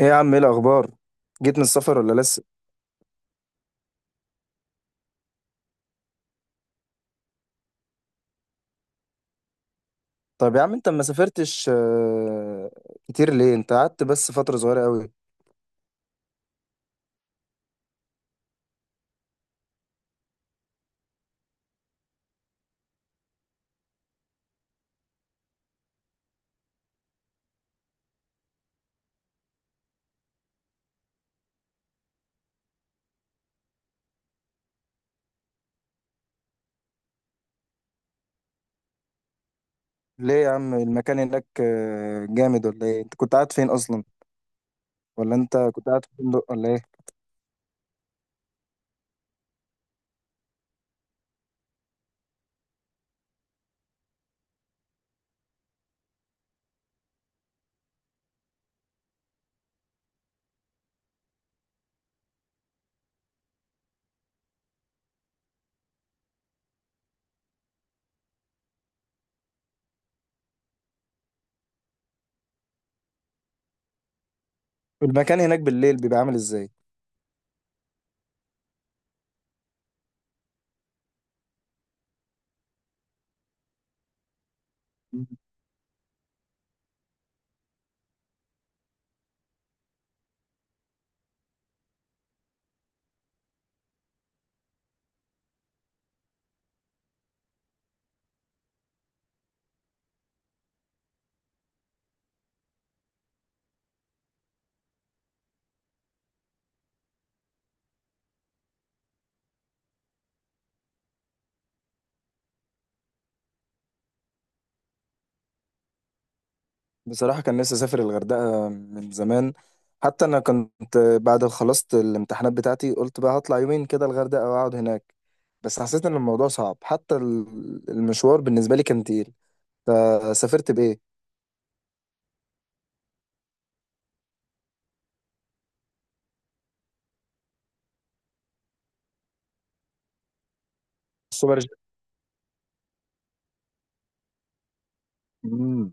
ايه يا عم، ايه الاخبار؟ جيت من السفر ولا لسه؟ طب يا عم انت ما سافرتش كتير ليه؟ انت قعدت بس فتره صغيره قوي. ليه يا عم؟ المكان هناك جامد ولا ايه؟ انت كنت قاعد فين اصلا؟ ولا انت كنت قاعد في فندق ولا ايه؟ المكان هناك بالليل بيبقى عامل ازاي؟ بصراحه كان نفسي اسافر الغردقه من زمان. حتى انا كنت بعد ما خلصت الامتحانات بتاعتي قلت بقى هطلع يومين كده الغردقه واقعد هناك، بس حسيت ان الموضوع صعب، حتى المشوار بالنسبه لي كان تقيل. فسافرت بايه؟ السوبر جيت. مم.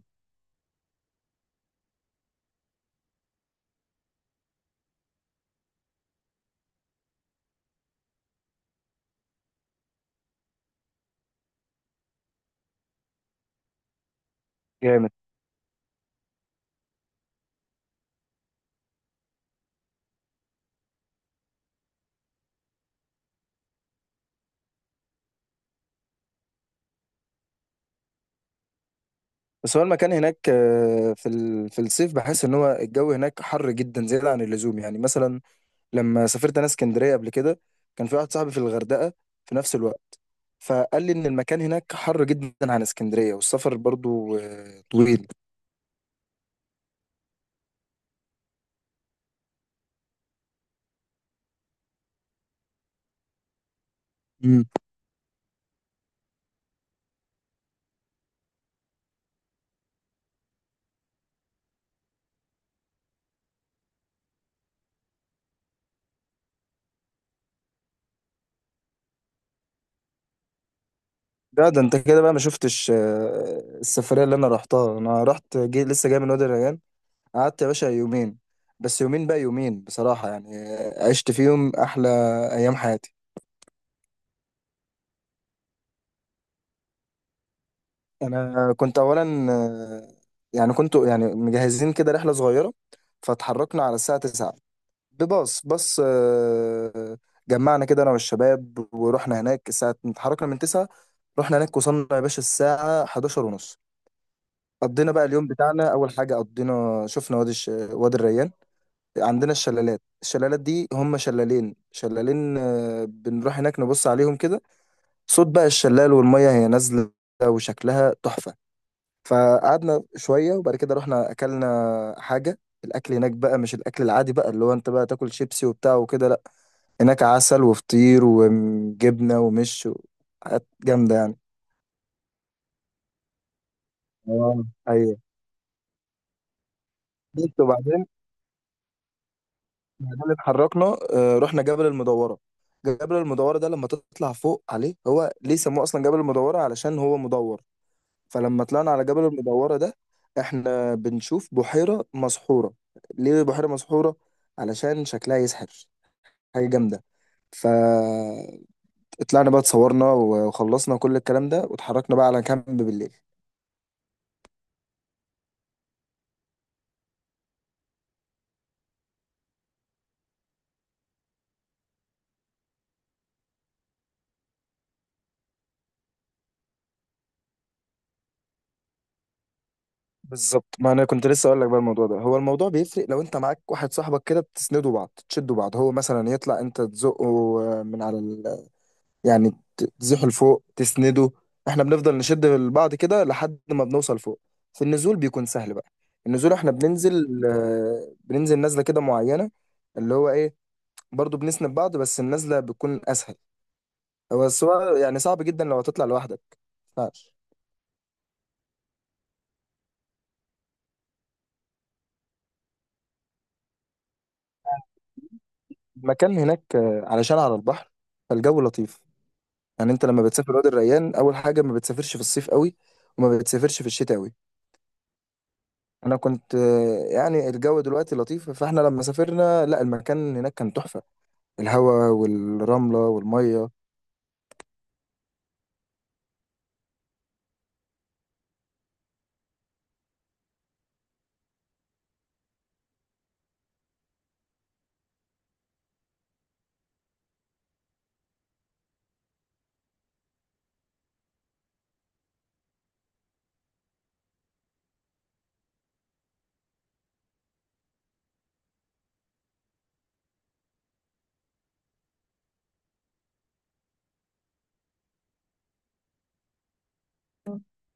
جامد. بس هو المكان هناك في في الصيف بحس ان هو الجو هناك حر جدا زياده عن اللزوم، يعني مثلا لما سافرت انا اسكندريه قبل كده، كان في واحد صاحبي في الغردقه في نفس الوقت، فقال لي ان المكان هناك حر جدا عن اسكندريه، والسفر برضو طويل. مم. ده انت كده بقى ما شفتش السفريه اللي انا رحتها. انا رحت جي، لسه جاي من وادي الريان. قعدت يا باشا يومين، بس يومين بقى، يومين بصراحه يعني عشت فيهم احلى ايام حياتي. انا كنت اولا يعني كنت يعني مجهزين كده رحله صغيره، فتحركنا على الساعه 9، بباص جمعنا كده انا والشباب ورحنا هناك. الساعه اتحركنا من 9، رحنا هناك، وصلنا يا باشا الساعه 11 ونص. قضينا بقى اليوم بتاعنا، اول حاجه قضينا شفنا وادي الريان. عندنا الشلالات، الشلالات دي هم شلالين، شلالين، بنروح هناك نبص عليهم كده، صوت بقى الشلال والميه هي نازله وشكلها تحفه. فقعدنا شويه وبعد كده رحنا اكلنا حاجه. الاكل هناك بقى مش الاكل العادي بقى اللي هو انت بقى تاكل شيبسي وبتاع وكده، لا. هناك عسل وفطير وجبنه و حاجات جامده يعني. اه، ايوه. بس وبعدين، بعدين اتحركنا. رحنا جبل المدوره. جبل المدوره ده لما تطلع فوق عليه، هو ليه سموه اصلا جبل المدوره؟ علشان هو مدور. فلما طلعنا على جبل المدوره ده، احنا بنشوف بحيره مسحوره. ليه بحيره مسحوره؟ علشان شكلها يسحر. حاجه جامده. فطلعنا بقى، اتصورنا وخلصنا كل الكلام ده واتحركنا بقى على كامب بالليل. بالظبط، ما انا كنت لسه اقول لك بقى، الموضوع ده هو الموضوع بيفرق لو انت معاك واحد صاحبك كده، بتسندوا بعض، تشدوا بعض، هو مثلا يطلع انت تزقه من على يعني تزحه لفوق، تسنده. احنا بنفضل نشد بعض كده لحد ما بنوصل فوق. في النزول بيكون سهل بقى. النزول احنا بننزل، بننزل نزله كده معينه، اللي هو ايه، برضو بنسند بعض، بس النزله بتكون اسهل. بس هو يعني صعب جدا لو هتطلع لوحدك، ما ينفعش. المكان هناك علشان على البحر فالجو لطيف. يعني انت لما بتسافر وادي الريان، اول حاجه ما بتسافرش في الصيف قوي، وما بتسافرش في الشتاء قوي. انا كنت يعني الجو دلوقتي لطيف، فاحنا لما سافرنا لا، المكان هناك كان تحفه. الهواء والرمله والميه.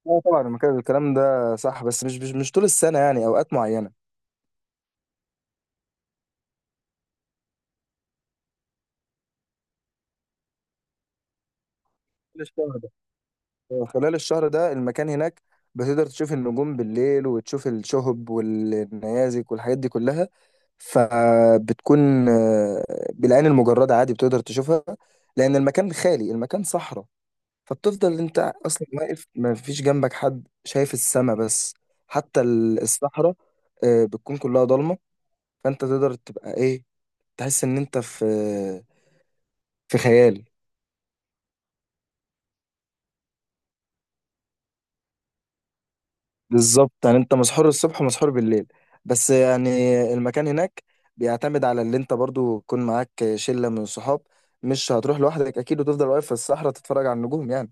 اه طبعا المكان، الكلام ده صح، بس مش مش طول السنه، يعني اوقات معينه. خلال الشهر ده المكان هناك بتقدر تشوف النجوم بالليل، وتشوف الشهب والنيازك والحاجات دي كلها. فبتكون بالعين المجردة عادي بتقدر تشوفها، لأن المكان خالي، المكان صحراء. فبتفضل انت اصلا واقف ما فيش جنبك حد، شايف السما بس. حتى الصحراء بتكون كلها ضلمة. فانت تقدر تبقى ايه، تحس ان انت في في خيال. بالظبط، يعني انت مسحور الصبح ومسحور بالليل، بس يعني المكان هناك بيعتمد على اللي انت برضو تكون معاك شلة من الصحاب. مش هتروح لوحدك اكيد وتفضل واقف في الصحراء تتفرج على النجوم يعني.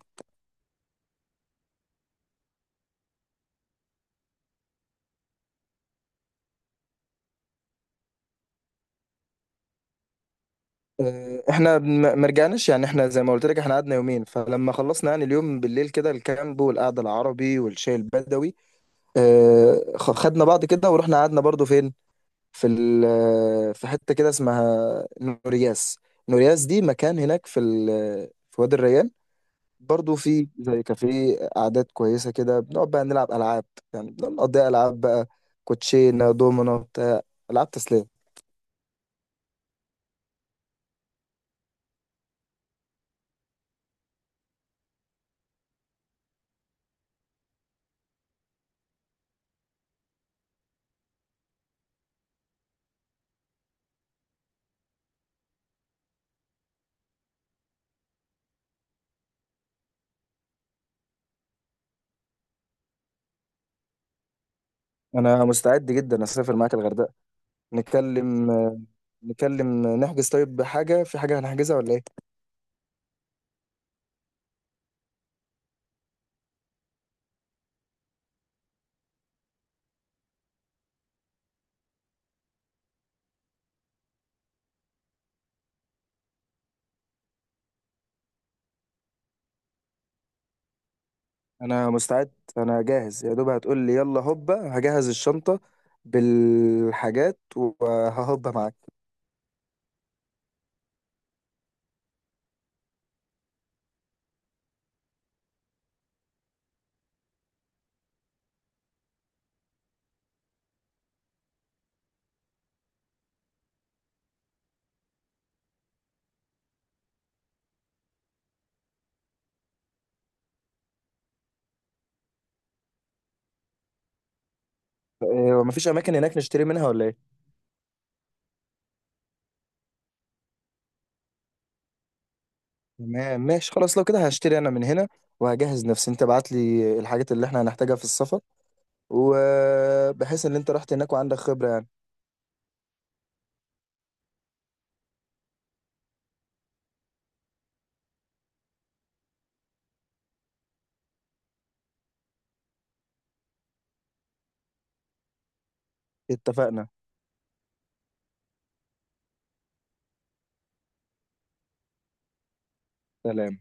اه، احنا ما رجعناش، يعني احنا زي ما قلت لك، احنا قعدنا يومين، فلما خلصنا يعني اليوم بالليل كده الكامب والقعدة العربي والشاي البدوي، اه، خدنا بعض كده ورحنا قعدنا برضو فين، في في حتة كده اسمها نورياس. نورياس دي مكان هناك في في وادي الريان برضو، في زي كافيه، قعدات كويسة كده، بنقعد بقى نلعب ألعاب، يعني بنقعد نقضيها ألعاب بقى، كوتشينة، دومينو، بتاع، ألعاب تسلية. أنا مستعد جدا أسافر معاك الغردقة. نتكلم نتكلم نحجز. طيب حاجة في حاجة هنحجزها ولا إيه؟ أنا مستعد، أنا جاهز، يا دوب هتقول لي يلا هوبا، هجهز الشنطة بالحاجات وههوبا معاك. إيه، ومفيش أماكن هناك نشتري منها ولا إيه؟ تمام، ماشي، خلاص لو كده هشتري انا من هنا، وهجهز نفسي. انت بعت لي الحاجات اللي احنا هنحتاجها في السفر، وبحيث ان انت رحت هناك وعندك خبرة يعني. اتفقنا. سلام.